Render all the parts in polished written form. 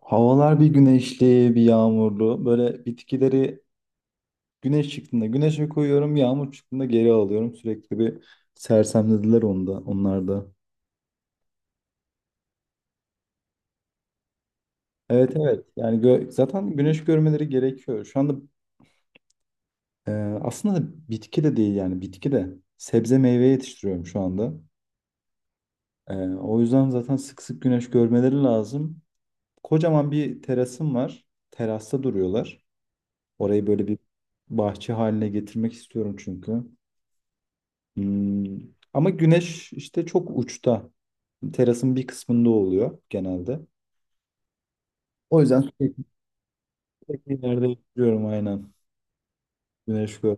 Havalar bir güneşli, bir yağmurlu. Böyle bitkileri güneş çıktığında güneşe koyuyorum, yağmur çıktığında geri alıyorum. Sürekli bir sersemlediler onda, onlarda. Evet evet. Yani zaten güneş görmeleri gerekiyor. Şu anda e, aslında bitki de değil yani bitki de sebze meyve yetiştiriyorum şu anda. E, o yüzden zaten sık sık güneş görmeleri lazım. Kocaman bir terasım var. Terasta duruyorlar. Orayı böyle bir bahçe haline getirmek istiyorum çünkü. Hmm. Ama güneş işte çok uçta. Terasın bir kısmında oluyor genelde. O yüzden sürekli yerde yapıyorum aynen. Güneş gör.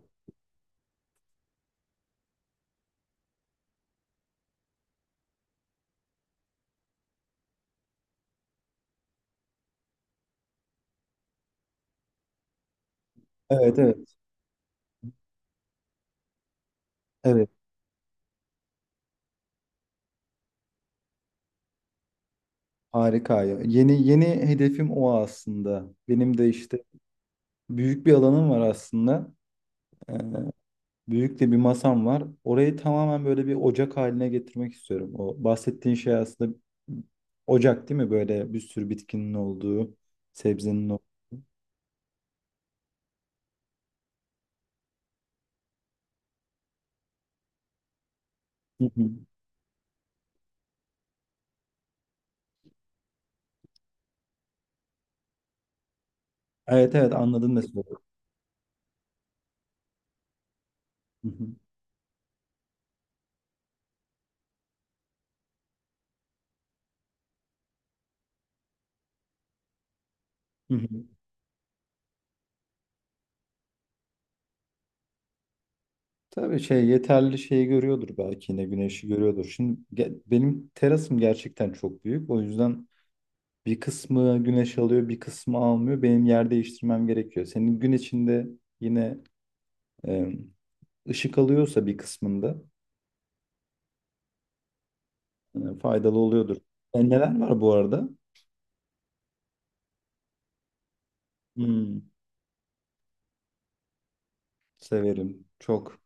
Evet evet. Evet. Harika. Ya. Yeni yeni hedefim o aslında. Benim de işte büyük bir alanım var aslında. Ee, Büyük de bir masam var. Orayı tamamen böyle bir ocak haline getirmek istiyorum. O bahsettiğin şey aslında ocak değil mi? Böyle bir sürü bitkinin olduğu, sebzenin olduğu. Hı hı. Evet evet anladın mesela. Hı hı. Hı hı. Tabii şey yeterli şeyi görüyordur belki yine güneşi görüyordur. Şimdi benim terasım gerçekten çok büyük. O yüzden bir kısmı güneş alıyor, bir kısmı almıyor. Benim yer değiştirmem gerekiyor. Senin gün içinde yine e, ışık alıyorsa bir kısmında faydalı oluyordur. E, neler var bu arada? Hmm, severim çok.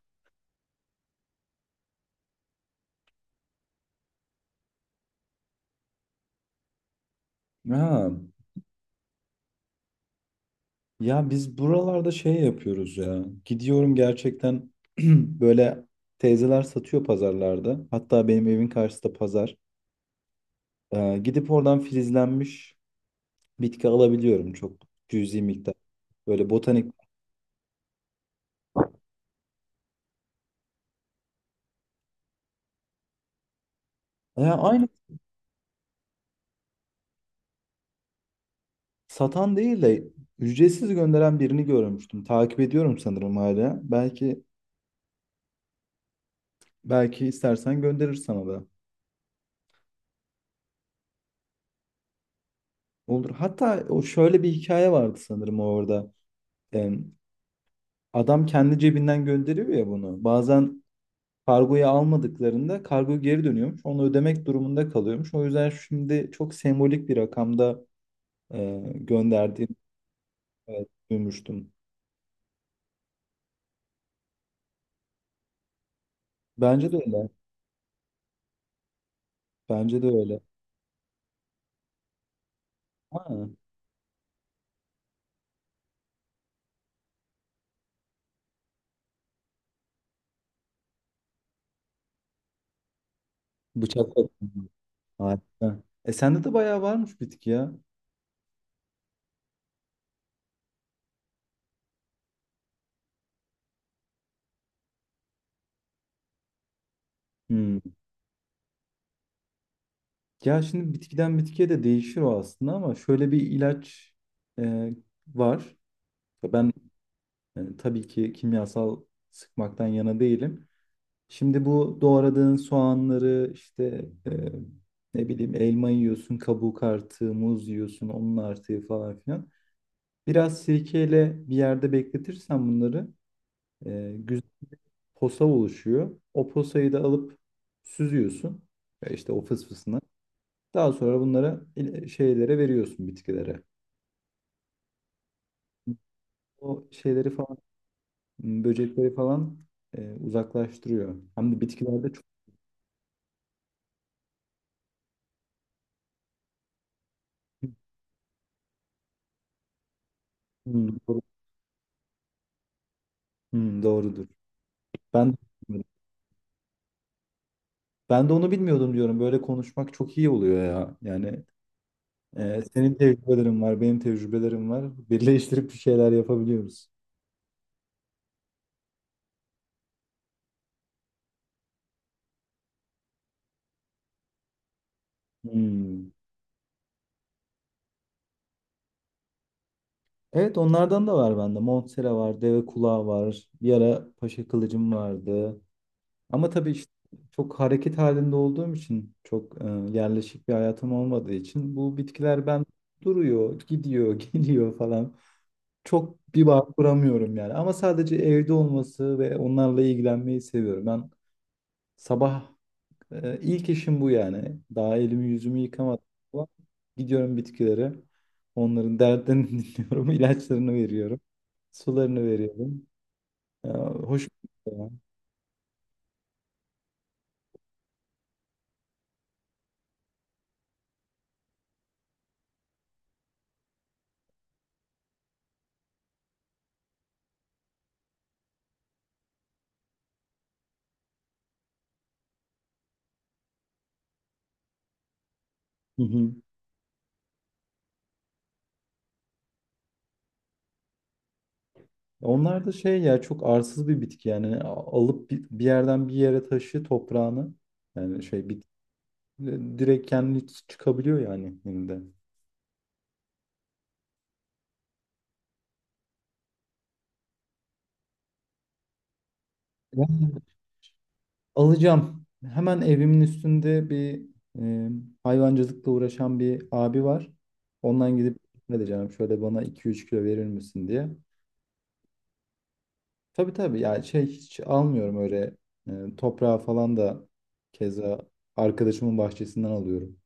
Ha. Ya biz buralarda şey yapıyoruz ya. Gidiyorum gerçekten böyle teyzeler satıyor pazarlarda. Hatta benim evin karşısında pazar. Gidip oradan filizlenmiş bitki alabiliyorum çok cüzi miktar. Böyle botanik. Ya aynı satan değil de ücretsiz gönderen birini görmüştüm. Takip ediyorum sanırım hala. Belki istersen gönderir sana da. Olur. Hatta o şöyle bir hikaye vardı sanırım orada. Em, Adam kendi cebinden gönderiyor ya bunu. Bazen kargoyu almadıklarında kargo geri dönüyormuş. Onu ödemek durumunda kalıyormuş. O yüzden şimdi çok sembolik bir rakamda gönderdiğini e, duymuştum. Bence de öyle. Bence de öyle. Ha, bıçakla. Harika. E sende de bayağı varmış bitki ya. Hmm. Ya şimdi bitkiden bitkiye de değişir o aslında ama şöyle bir ilaç e, var. Ben tabii ki kimyasal sıkmaktan yana değilim. Şimdi bu doğradığın soğanları işte ne bileyim elma yiyorsun, kabuk artığı, muz yiyorsun, onun artığı falan filan. Biraz sirkeyle bir yerde bekletirsen bunları güzel posa oluşuyor. O posayı da alıp süzüyorsun işte o fısfısına. Daha sonra bunlara şeylere veriyorsun bitkilere. O şeyleri falan, böcekleri falan uzaklaştırıyor. Hem de bitkilerde çok. Hmm, doğru. Hmm, doğrudur. Ben Ben de onu bilmiyordum diyorum. Böyle konuşmak çok iyi oluyor ya. Yani senin tecrübelerin var, benim tecrübelerim var. Birleştirip bir şeyler yapabiliyoruz. Hmm. Evet onlardan da var bende. Monstera var, deve kulağı var. Bir ara paşa kılıcım vardı. Ama tabii işte çok hareket halinde olduğum için, çok yerleşik bir hayatım olmadığı için bu bitkiler ben duruyor, gidiyor, geliyor falan. Çok bir bağ kuramıyorum yani. Ama sadece evde olması ve onlarla ilgilenmeyi seviyorum. Ben sabah ilk işim bu yani. Daha elimi yüzümü yıkamadım falan. Gidiyorum bitkilere. Onların derdlerini dinliyorum. İlaçlarını veriyorum. Sularını veriyorum. Ya, hoş bir şey ya. Hı hı. Onlar da şey ya çok arsız bir bitki yani alıp bir yerden bir yere taşı toprağını yani şey bit direkt kendi çıkabiliyor yani elinde. Alacağım. Hemen evimin üstünde bir e, hayvancılıkla uğraşan bir abi var. Ondan gidip ne diyeceğim şöyle bana iki üç kilo verir misin diye. Tabii tabii yani şey hiç almıyorum öyle toprağı falan da keza arkadaşımın bahçesinden alıyorum.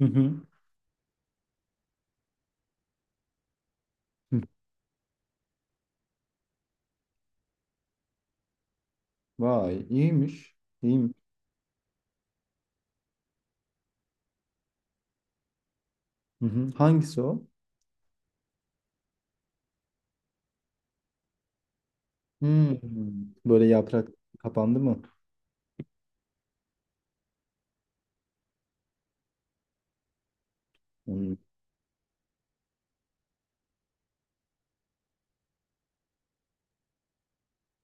Hı hı. Hı. Vay iyiymiş. İyiymiş. Hı hı. Hangisi o? Hmm. Böyle yaprak kapandı mı? Hmm,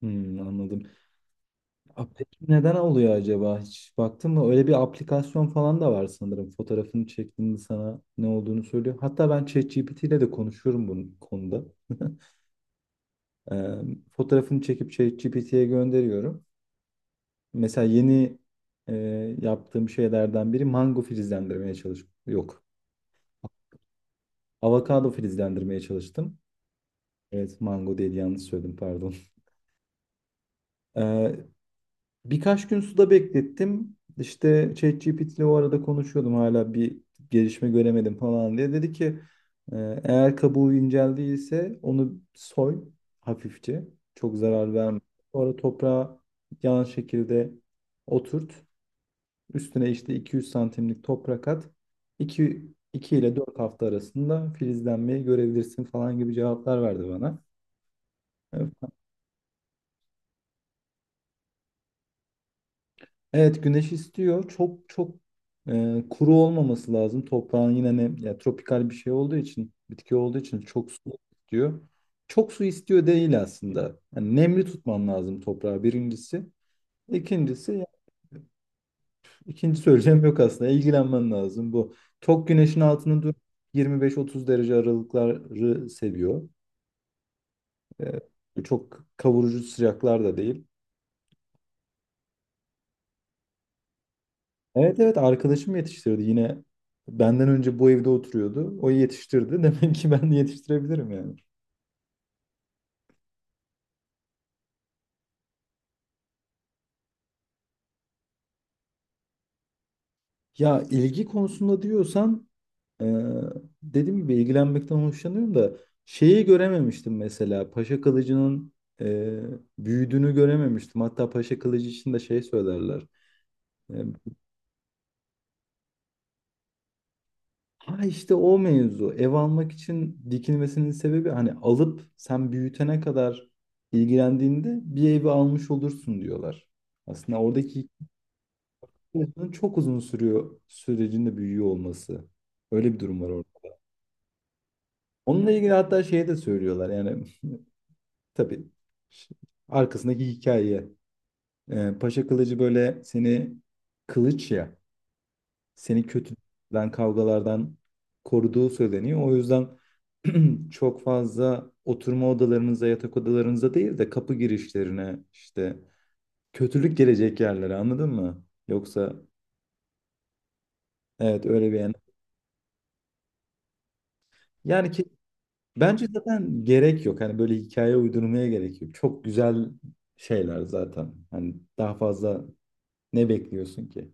hmm, anladım. Aa, peki neden oluyor acaba? Hiç baktın mı? Öyle bir aplikasyon falan da var sanırım. Fotoğrafını çektiğinde sana ne olduğunu söylüyor. Hatta ben ChatGPT ile de konuşuyorum bu konuda. Ee, Fotoğrafını çekip ChatGPT'ye gönderiyorum. Mesela yeni e, yaptığım şeylerden biri mango filizlendirmeye çalış. Yok. Avokado filizlendirmeye çalıştım. Evet mango değil yanlış söyledim pardon. Birkaç gün suda beklettim. İşte ChatGPT ile o arada konuşuyordum hala bir gelişme göremedim falan diye. Dedi ki e, eğer kabuğu incel değilse onu soy hafifçe. Çok zarar verme. Sonra toprağa yan şekilde oturt. Üstüne işte 200 santimlik toprak at. 2 ile 4 hafta arasında filizlenmeyi görebilirsin falan gibi cevaplar verdi bana. Ee, Evet güneş istiyor. Çok çok kuru olmaması lazım. Toprağın yine ne ya tropikal bir şey olduğu için, bitki olduğu için çok su istiyor. Çok su istiyor değil aslında. Yani nemli tutman lazım toprağı birincisi. İkincisi, ikinci söyleyeceğim yok aslında. İlgilenmen lazım bu. Çok güneşin altını dur 25-30 derece aralıkları seviyor. E, çok kavurucu sıcaklar da değil. Evet evet arkadaşım yetiştiriyordu yine. Benden önce bu evde oturuyordu. O yetiştirdi. Demek ki ben de yetiştirebilirim yani. Ya ilgi konusunda diyorsan e, dediğim gibi ilgilenmekten hoşlanıyorum da şeyi görememiştim mesela. Paşa Kılıcı'nın e, büyüdüğünü görememiştim. Hatta Paşa Kılıcı için de şey söylerler. Ha işte o mevzu. Ev almak için dikilmesinin sebebi hani alıp sen büyütene kadar ilgilendiğinde bir evi almış olursun diyorlar. Aslında oradaki hikayesinin çok uzun sürüyor sürecinde büyüyor olması. Öyle bir durum var orada. Onunla ilgili hatta şey de söylüyorlar yani tabii ş- arkasındaki hikaye. Paşa kılıcı böyle seni kılıç ya. Seni kötüden kavgalardan koruduğu söyleniyor. O yüzden çok fazla oturma odalarınıza, yatak odalarınıza değil de kapı girişlerine işte kötülük gelecek yerlere anladın mı? Yoksa evet öyle bir yani. Yani ki bence zaten gerek yok. Hani böyle hikaye uydurmaya gerek yok. Çok güzel şeyler zaten. Hani daha fazla ne bekliyorsun ki?